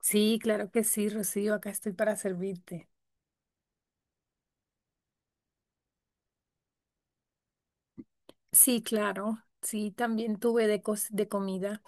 Sí, claro que sí, Rocío, acá estoy para servirte. Sí, claro, sí, también tuve de comida.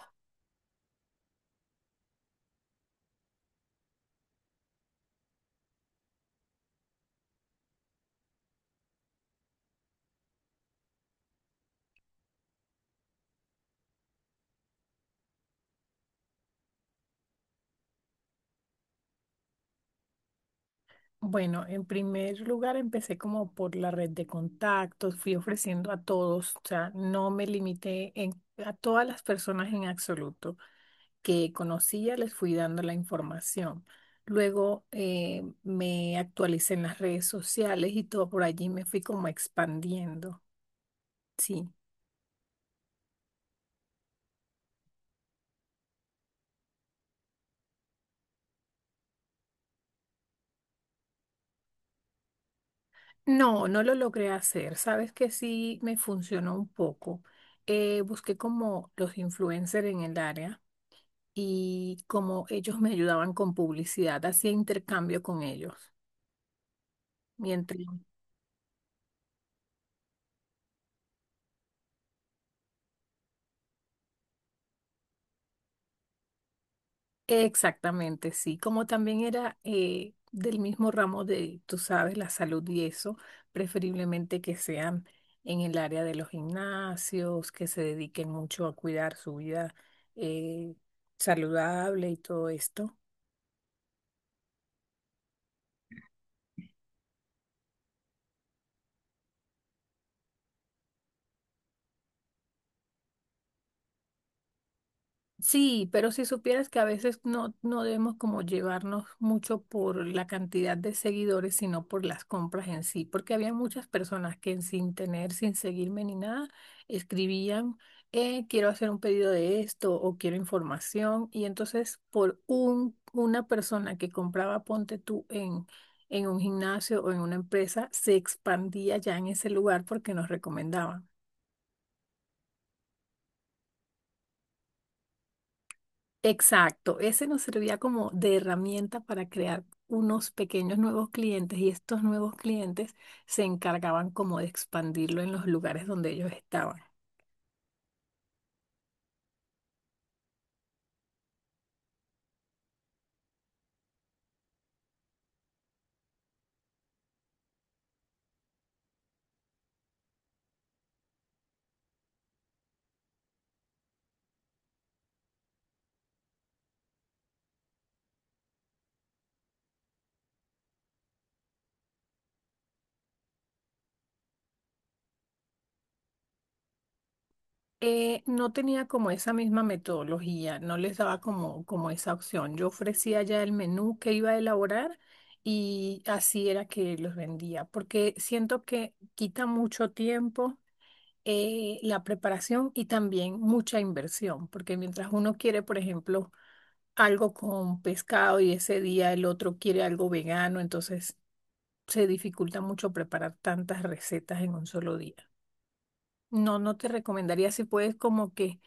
Bueno, en primer lugar empecé como por la red de contactos, fui ofreciendo a todos, o sea, no me limité en, a todas las personas en absoluto que conocía, les fui dando la información. Luego me actualicé en las redes sociales y todo por allí me fui como expandiendo. Sí. No, no lo logré hacer. Sabes que sí me funcionó un poco. Busqué como los influencers en el área y como ellos me ayudaban con publicidad, hacía intercambio con ellos. Mientras, exactamente, sí. Como también era del mismo ramo de, tú sabes, la salud y eso, preferiblemente que sean en el área de los gimnasios, que se dediquen mucho a cuidar su vida eh, saludable y todo esto. Sí, pero si supieras que a veces no, no debemos como llevarnos mucho por la cantidad de seguidores, sino por las compras en sí, porque había muchas personas que sin tener, sin seguirme ni nada, escribían, quiero hacer un pedido de esto o quiero información, y entonces por una persona que compraba, ponte tú en un gimnasio o en una empresa, se expandía ya en ese lugar porque nos recomendaban. Exacto, ese nos servía como de herramienta para crear unos pequeños nuevos clientes y estos nuevos clientes se encargaban como de expandirlo en los lugares donde ellos estaban. No tenía como esa misma metodología, no les daba como, como esa opción. Yo ofrecía ya el menú que iba a elaborar y así era que los vendía, porque siento que quita mucho tiempo la preparación y también mucha inversión, porque mientras uno quiere, por ejemplo, algo con pescado y ese día el otro quiere algo vegano, entonces se dificulta mucho preparar tantas recetas en un solo día. No, no te recomendaría si puedes como que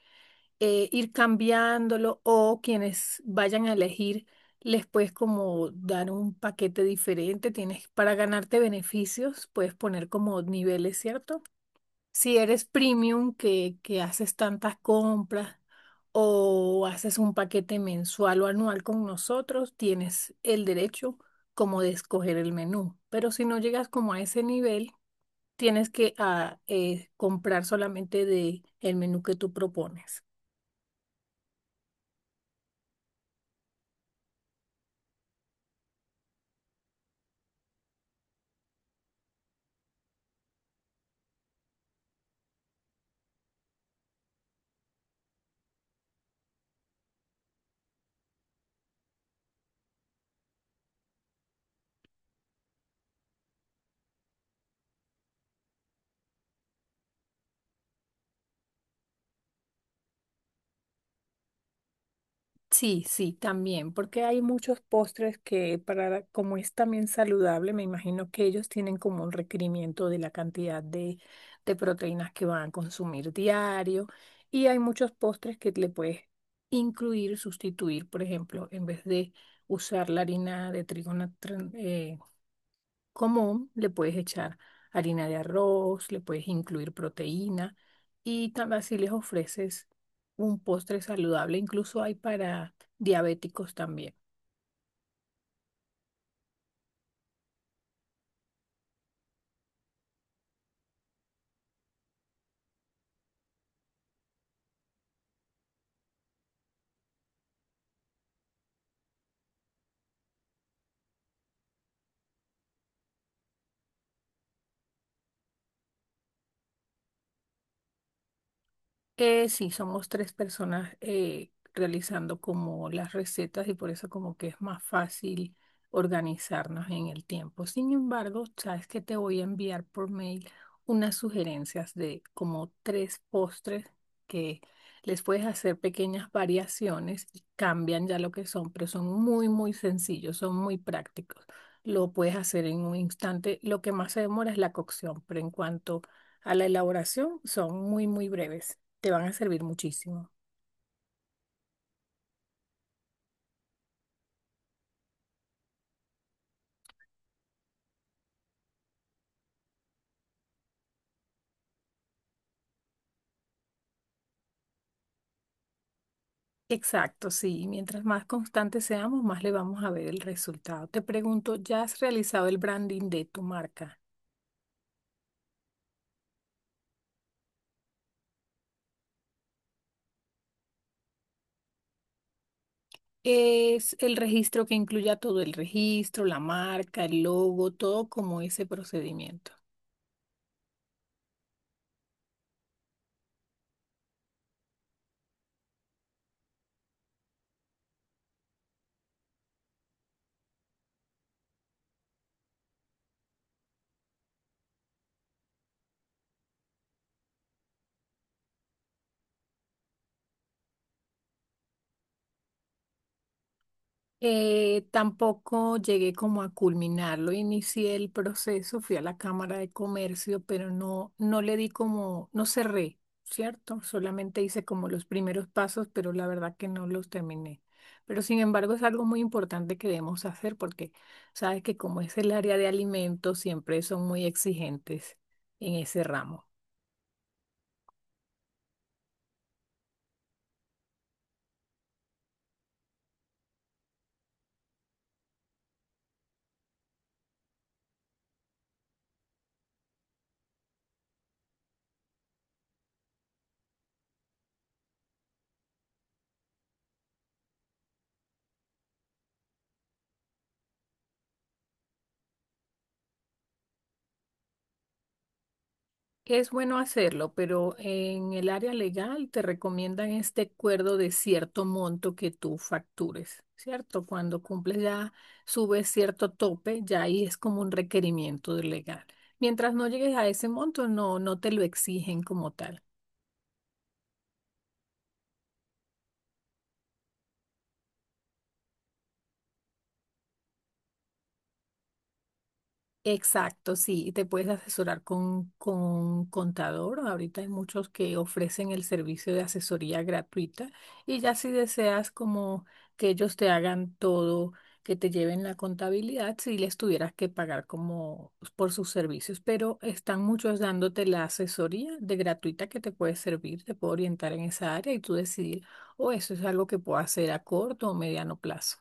ir cambiándolo o quienes vayan a elegir les puedes como dar un paquete diferente, tienes para ganarte beneficios, puedes poner como niveles, ¿cierto? Si eres premium, que haces tantas compras o haces un paquete mensual o anual con nosotros, tienes el derecho como de escoger el menú. Pero si no llegas como a ese nivel, tienes que comprar solamente de el menú que tú propones. Sí, sí, también, porque hay muchos postres que para, como es también saludable, me imagino que ellos tienen como un requerimiento de la cantidad de proteínas que van a consumir diario y hay muchos postres que le puedes incluir, sustituir, por ejemplo, en vez de usar la harina de trigo común, le puedes echar harina de arroz, le puedes incluir proteína y también así les ofreces un postre saludable. Incluso hay para diabéticos también. Sí, somos tres personas realizando como las recetas y por eso como que es más fácil organizarnos en el tiempo. Sin embargo, sabes que te voy a enviar por mail unas sugerencias de como tres postres que les puedes hacer pequeñas variaciones y cambian ya lo que son, pero son muy, muy sencillos, son muy prácticos. Lo puedes hacer en un instante. Lo que más se demora es la cocción, pero en cuanto a la elaboración, son muy, muy breves. Te van a servir muchísimo. Exacto, sí. Mientras más constantes seamos, más le vamos a ver el resultado. Te pregunto, ¿ya has realizado el branding de tu marca? ¿Es el registro que incluya todo el registro, la marca, el logo, todo como ese procedimiento? Tampoco llegué como a culminarlo, inicié el proceso, fui a la Cámara de Comercio, pero no, no le di como, no cerré, ¿cierto? Solamente hice como los primeros pasos, pero la verdad que no los terminé. Pero sin embargo es algo muy importante que debemos hacer porque sabes que como es el área de alimentos, siempre son muy exigentes en ese ramo. Es bueno hacerlo, pero en el área legal te recomiendan este acuerdo de cierto monto que tú factures, ¿cierto? Cuando cumples ya, subes cierto tope, ya ahí es como un requerimiento del legal. Mientras no llegues a ese monto, no, no te lo exigen como tal. Exacto, sí, te puedes asesorar con un contador. Ahorita hay muchos que ofrecen el servicio de asesoría gratuita y ya si deseas como que ellos te hagan todo, que te lleven la contabilidad, si les tuvieras que pagar como por sus servicios, pero están muchos dándote la asesoría de gratuita que te puede servir, te puede orientar en esa área y tú decidir, o eso es algo que puedo hacer a corto o mediano plazo.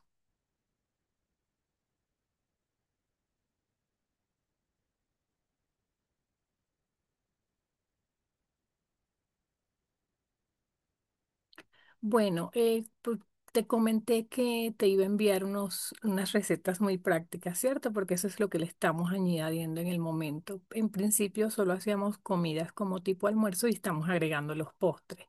Bueno, te comenté que te iba a enviar unas recetas muy prácticas, ¿cierto? Porque eso es lo que le estamos añadiendo en el momento. En principio solo hacíamos comidas como tipo almuerzo y estamos agregando los postres.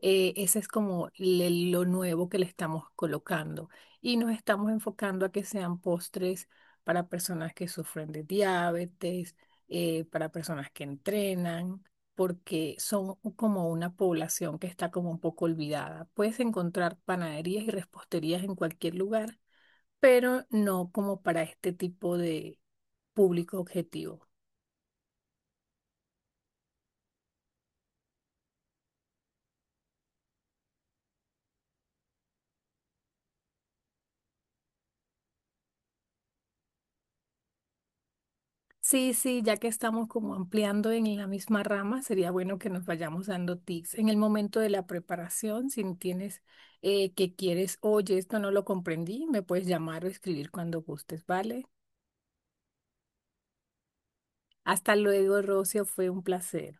Ese es como lo nuevo que le estamos colocando. Y nos estamos enfocando a que sean postres para personas que sufren de diabetes, para personas que entrenan, porque son como una población que está como un poco olvidada. Puedes encontrar panaderías y reposterías en cualquier lugar, pero no como para este tipo de público objetivo. Sí, sí, ya que estamos como ampliando en la misma rama, sería bueno que nos vayamos dando tips. En el momento de la preparación, si no tienes que quieres, oye, esto no lo comprendí, me puedes llamar o escribir cuando gustes, ¿vale? Hasta luego, Rocio, fue un placer.